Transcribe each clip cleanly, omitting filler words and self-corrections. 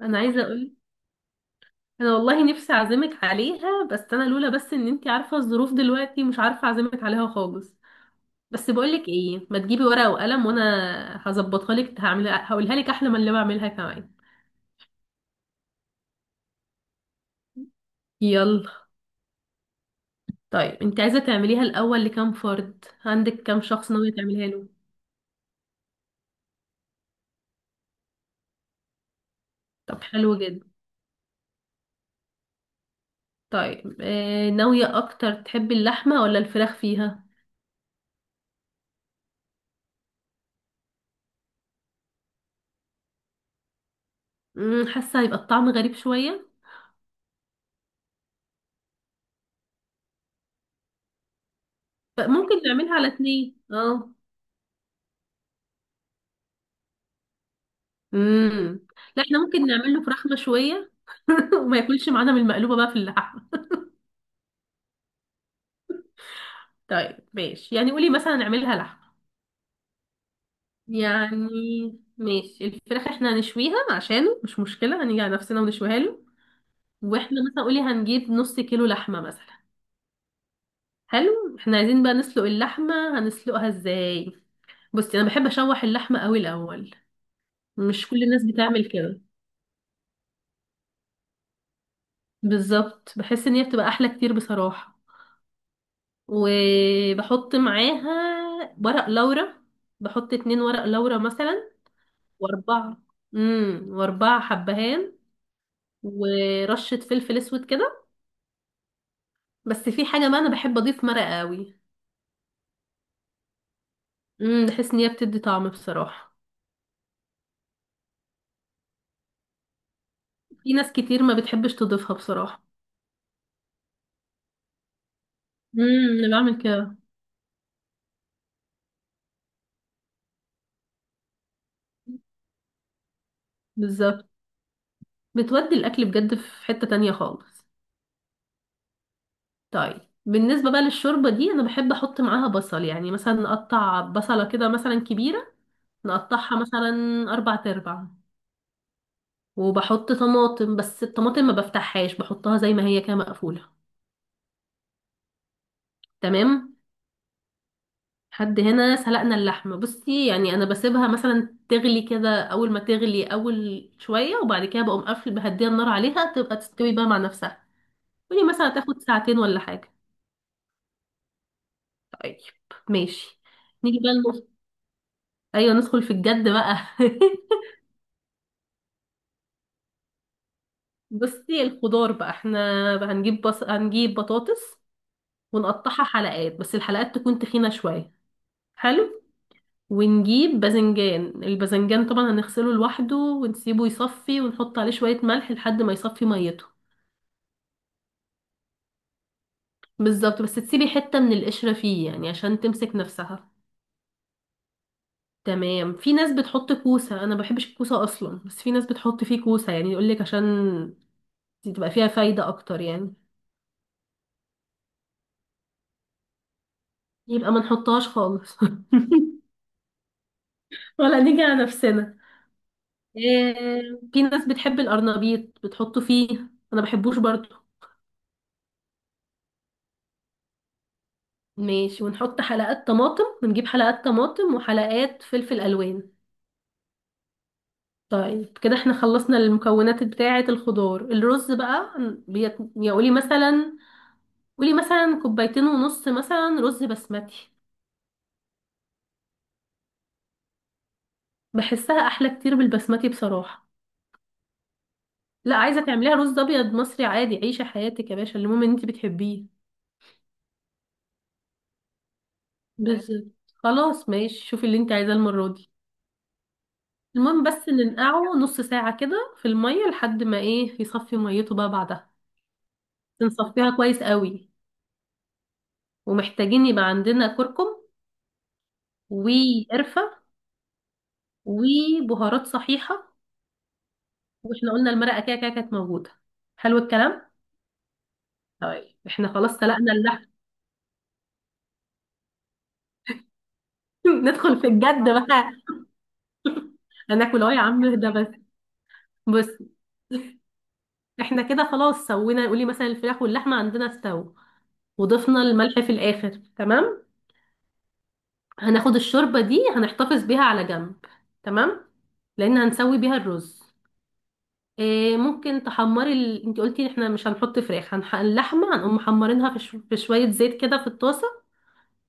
انا عايزه اقول. انا والله نفسي اعزمك عليها، بس انا لولا بس ان انتي عارفه الظروف دلوقتي، مش عارفه اعزمك عليها خالص. بس بقولك ايه، ما تجيبي ورقه وقلم وانا هظبطها لك، هعملها هقولها لك احلى من اللي بعملها كمان. يلا. طيب انت عايزه تعمليها الاول لكام فرد؟ عندك كام شخص ناويه تعمليها له؟ طب حلو جدا. طيب ناويه اكتر تحبي اللحمه ولا الفراخ فيها؟ حاسه هيبقى الطعم غريب شويه. ممكن نعملها على اتنين، اه. امم. لا، احنا ممكن نعمل له فراخ مشوية وما ياكلش معانا من المقلوبة بقى في اللحمة. طيب ماشي، يعني قولي مثلا نعملها لحمة. يعني ماشي، الفراخ احنا هنشويها عشانه مش مشكلة، هنيجي على نفسنا ونشويها له. واحنا مثلا قولي هنجيب نص كيلو لحمة مثلا. حلو، احنا عايزين بقى نسلق اللحمة، هنسلقها ازاي؟ بصي، انا بحب اشوح اللحمة قوي الاول. مش كل الناس بتعمل كده. بالظبط، بحس ان هي بتبقى احلى كتير بصراحة. وبحط معاها ورق لورا، بحط 2 ورق لورا مثلا. واربعة. امم، و4 حبهان. ورشة فلفل اسود كده. بس في حاجة بقى، انا بحب اضيف مرقة قوي. امم، بحس ان هي بتدي طعم بصراحة. في ناس كتير ما بتحبش تضيفها بصراحة. امم، انا بعمل كده. بالظبط، بتودي الاكل بجد في حتة تانية خالص. طيب، بالنسبة بقى للشوربة دي، انا بحب احط معاها بصل، يعني مثلا اقطع بصلة كده مثلا كبيرة. نقطعها مثلا أربع تربع. وبحط طماطم، بس الطماطم ما بفتحهاش، بحطها زي ما هي كده مقفولة. تمام. حد هنا سلقنا اللحمة، بصي يعني أنا بسيبها مثلا تغلي كده، أول ما تغلي أول شوية وبعد كده بقوم قافل بهديها النار عليها تبقى تستوي بقى مع نفسها. قولي مثلا تاخد ساعتين ولا حاجة. طيب. ماشي. نيجي بقى أيوة، ندخل في الجد بقى. بصي، الخضار بقى احنا هنجيب بطاطس، ونقطعها حلقات بس الحلقات تكون تخينة شوية. حلو. ونجيب باذنجان، الباذنجان طبعا هنغسله لوحده ونسيبه يصفي ونحط عليه شوية ملح لحد ما يصفي ميته. بالظبط، بس تسيبي حتة من القشرة فيه يعني عشان تمسك نفسها. تمام. في ناس بتحط كوسة، انا ما بحبش الكوسة اصلا، بس في ناس بتحط فيه كوسة يعني يقولك عشان تبقى فيها فايدة اكتر يعني. يبقى ما نحطهاش خالص. ولا نيجي على نفسنا. إيه، في ناس بتحب القرنبيط بتحطه فيه، انا بحبوش برضو. ماشي، ونحط حلقات طماطم، ونجيب حلقات طماطم وحلقات فلفل الوان. طيب كده احنا خلصنا المكونات بتاعة الخضار. الرز بقى يا قولي مثلا، قولي مثلا كوبايتين ونص مثلا رز بسمتي. بحسها احلى كتير بالبسمتي بصراحة. لا، عايزة تعمليها رز ابيض مصري عادي عيشة حياتك يا باشا، المهم ان انت بتحبيه. بالظبط. خلاص ماشي، شوفي اللي انت عايزاه المرة دي. المهم بس ننقعه نص ساعة كده في المية لحد ما ايه يصفي ميته بقى بعدها، بنصفيها كويس قوي. ومحتاجين يبقى عندنا كركم، وقرفة، وبهارات صحيحة. واحنا قلنا المرقة كده كده كانت موجودة. حلو الكلام. طيب احنا خلاص سلقنا اللحم. ندخل في الجد بقى. هناكل اهو يا عم اهدى بس. بص، احنا كده خلاص سوينا، قولي مثلا الفراخ واللحمة عندنا استوى، وضفنا الملح في الاخر. تمام. هناخد الشوربة دي هنحتفظ بيها على جنب. تمام. لان هنسوي بيها الرز. إيه ممكن تحمري انت قلتي احنا مش هنحط فراخ، اللحمه هنقوم محمرينها في، في شويه زيت كده في الطاسه.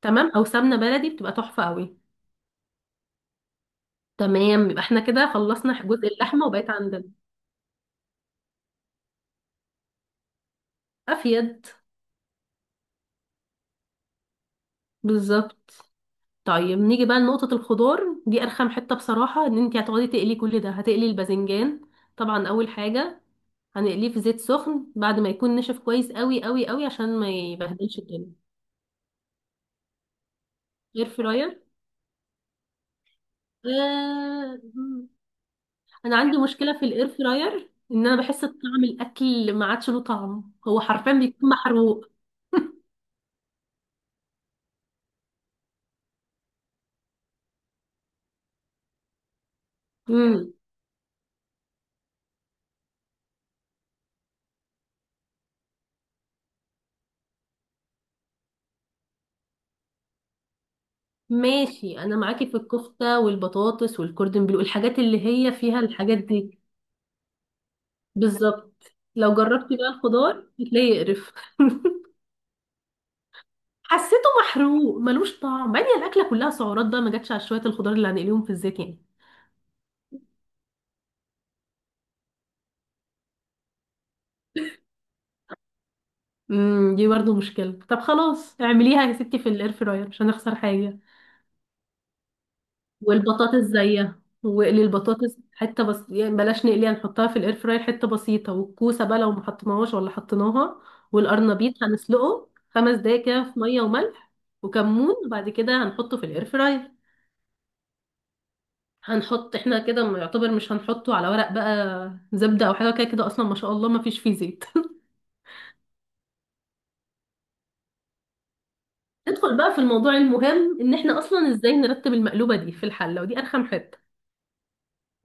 تمام، او سمنه بلدي بتبقى تحفه قوي. تمام، يبقى احنا كده خلصنا جزء اللحمه وبقيت عندنا. افيد. بالظبط. طيب نيجي بقى لنقطه الخضار، دي ارخم حته بصراحه ان انت هتقعدي تقلي كل ده، هتقلي الباذنجان طبعا اول حاجه، هنقليه في زيت سخن بعد ما يكون نشف كويس قوي قوي قوي عشان ما يبهدلش الدنيا. اير فراير. آه، انا عندي مشكله في الاير فراير، ان انا بحس طعم الاكل ما عادش له طعم، هو حرفيا بيكون محروق. امم. ماشي، انا معاكي في الكفته والبطاطس والكوردن بلو، الحاجات اللي هي فيها الحاجات دي. بالظبط، لو جربتي بقى الخضار هتلاقيه يقرف. حسيته محروق ملوش طعم، بعدين الاكله كلها سعرات بقى ما جاتش على شويه الخضار اللي هنقليهم في الزيت يعني. امم، دي برضه مشكله، طب خلاص اعمليها يا ستي في الاير فراير مش هنخسر حاجه. والبطاطس زيها، واقلي البطاطس حته بس يعني، بلاش نقليها، نحطها في الاير فراير حته بسيطه، والكوسه بقى لو ما حطيناهاش ولا حطيناها. والقرنبيط هنسلقه 5 دقايق كده في ميه وملح وكمون، وبعد كده هنحطه في الاير فراير. هنحط احنا كده يعتبر مش هنحطه على ورق بقى زبده او حاجه، كده كده اصلا ما شاء الله ما فيش فيه زيت. ندخل بقى في الموضوع المهم، ان احنا اصلا ازاي نرتب المقلوبه دي في الحله، ودي ارخم حته.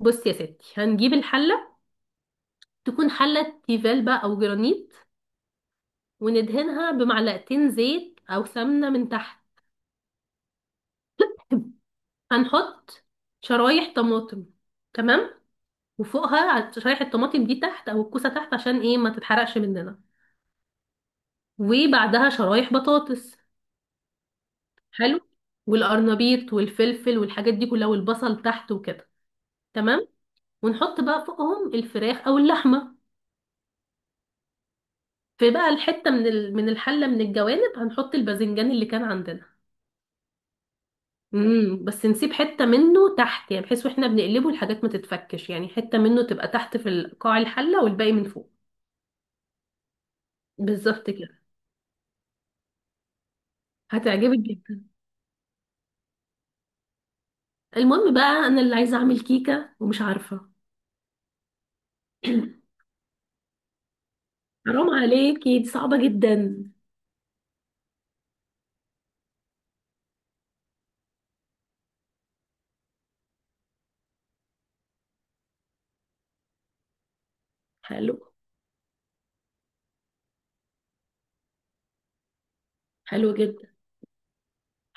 بص يا ستي، هنجيب الحله، تكون حله تيفال بقى او جرانيت، وندهنها بمعلقتين زيت او سمنه من تحت. هنحط شرايح طماطم. تمام. وفوقها على شرايح الطماطم دي تحت، او الكوسه تحت عشان ايه ما تتحرقش مننا. وبعدها شرايح بطاطس. حلو. والقرنبيط والفلفل والحاجات دي كلها والبصل تحت وكده. تمام. ونحط بقى فوقهم الفراخ او اللحمه. في بقى الحته من الحله من الجوانب، هنحط الباذنجان اللي كان عندنا. امم، بس نسيب حتة منه تحت يعني، بحيث واحنا بنقلبه الحاجات ما تتفكش، يعني حتة منه تبقى تحت قاع الحلة والباقي من فوق. بالظبط كده. هتعجبك جدا. المهم بقى انا اللي عايزة اعمل كيكة ومش عارفة. حرام عليكي، دي صعبة جدا. حلو. حلو جدا.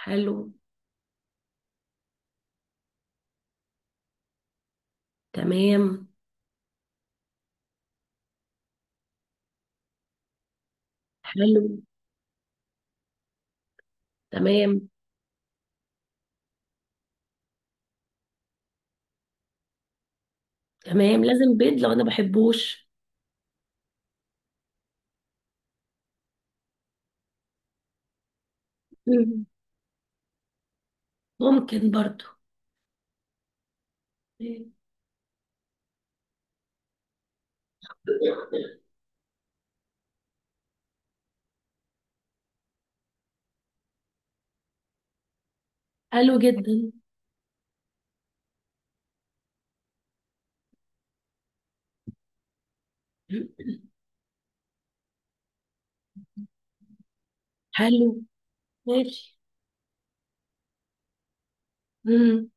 حلو. تمام. حلو. تمام. تمام لازم بيض لو انا بحبوش. مم. ممكن برضو. حلو جدا. حلو. ماشي. مم.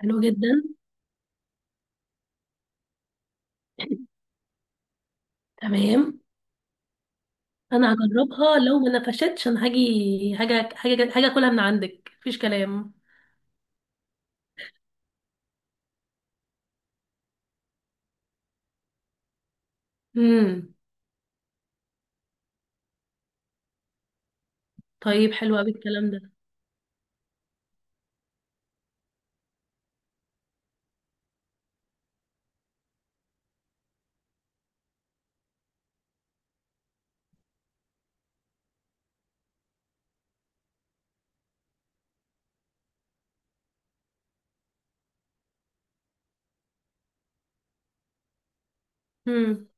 حلو جدا. تمام، انا هجربها، لو ما نفشتش انا هاجي، هاجي هاجي هاجي اكلها من عندك مفيش كلام. امم. طيب حلو قوي الكلام ده. امم.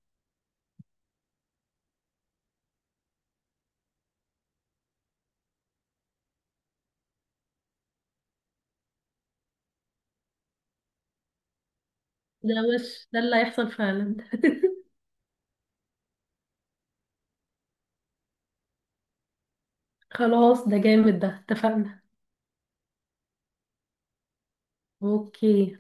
ده وش ده اللي هيحصل فعلا. خلاص ده جامد، ده اتفقنا. اوكي.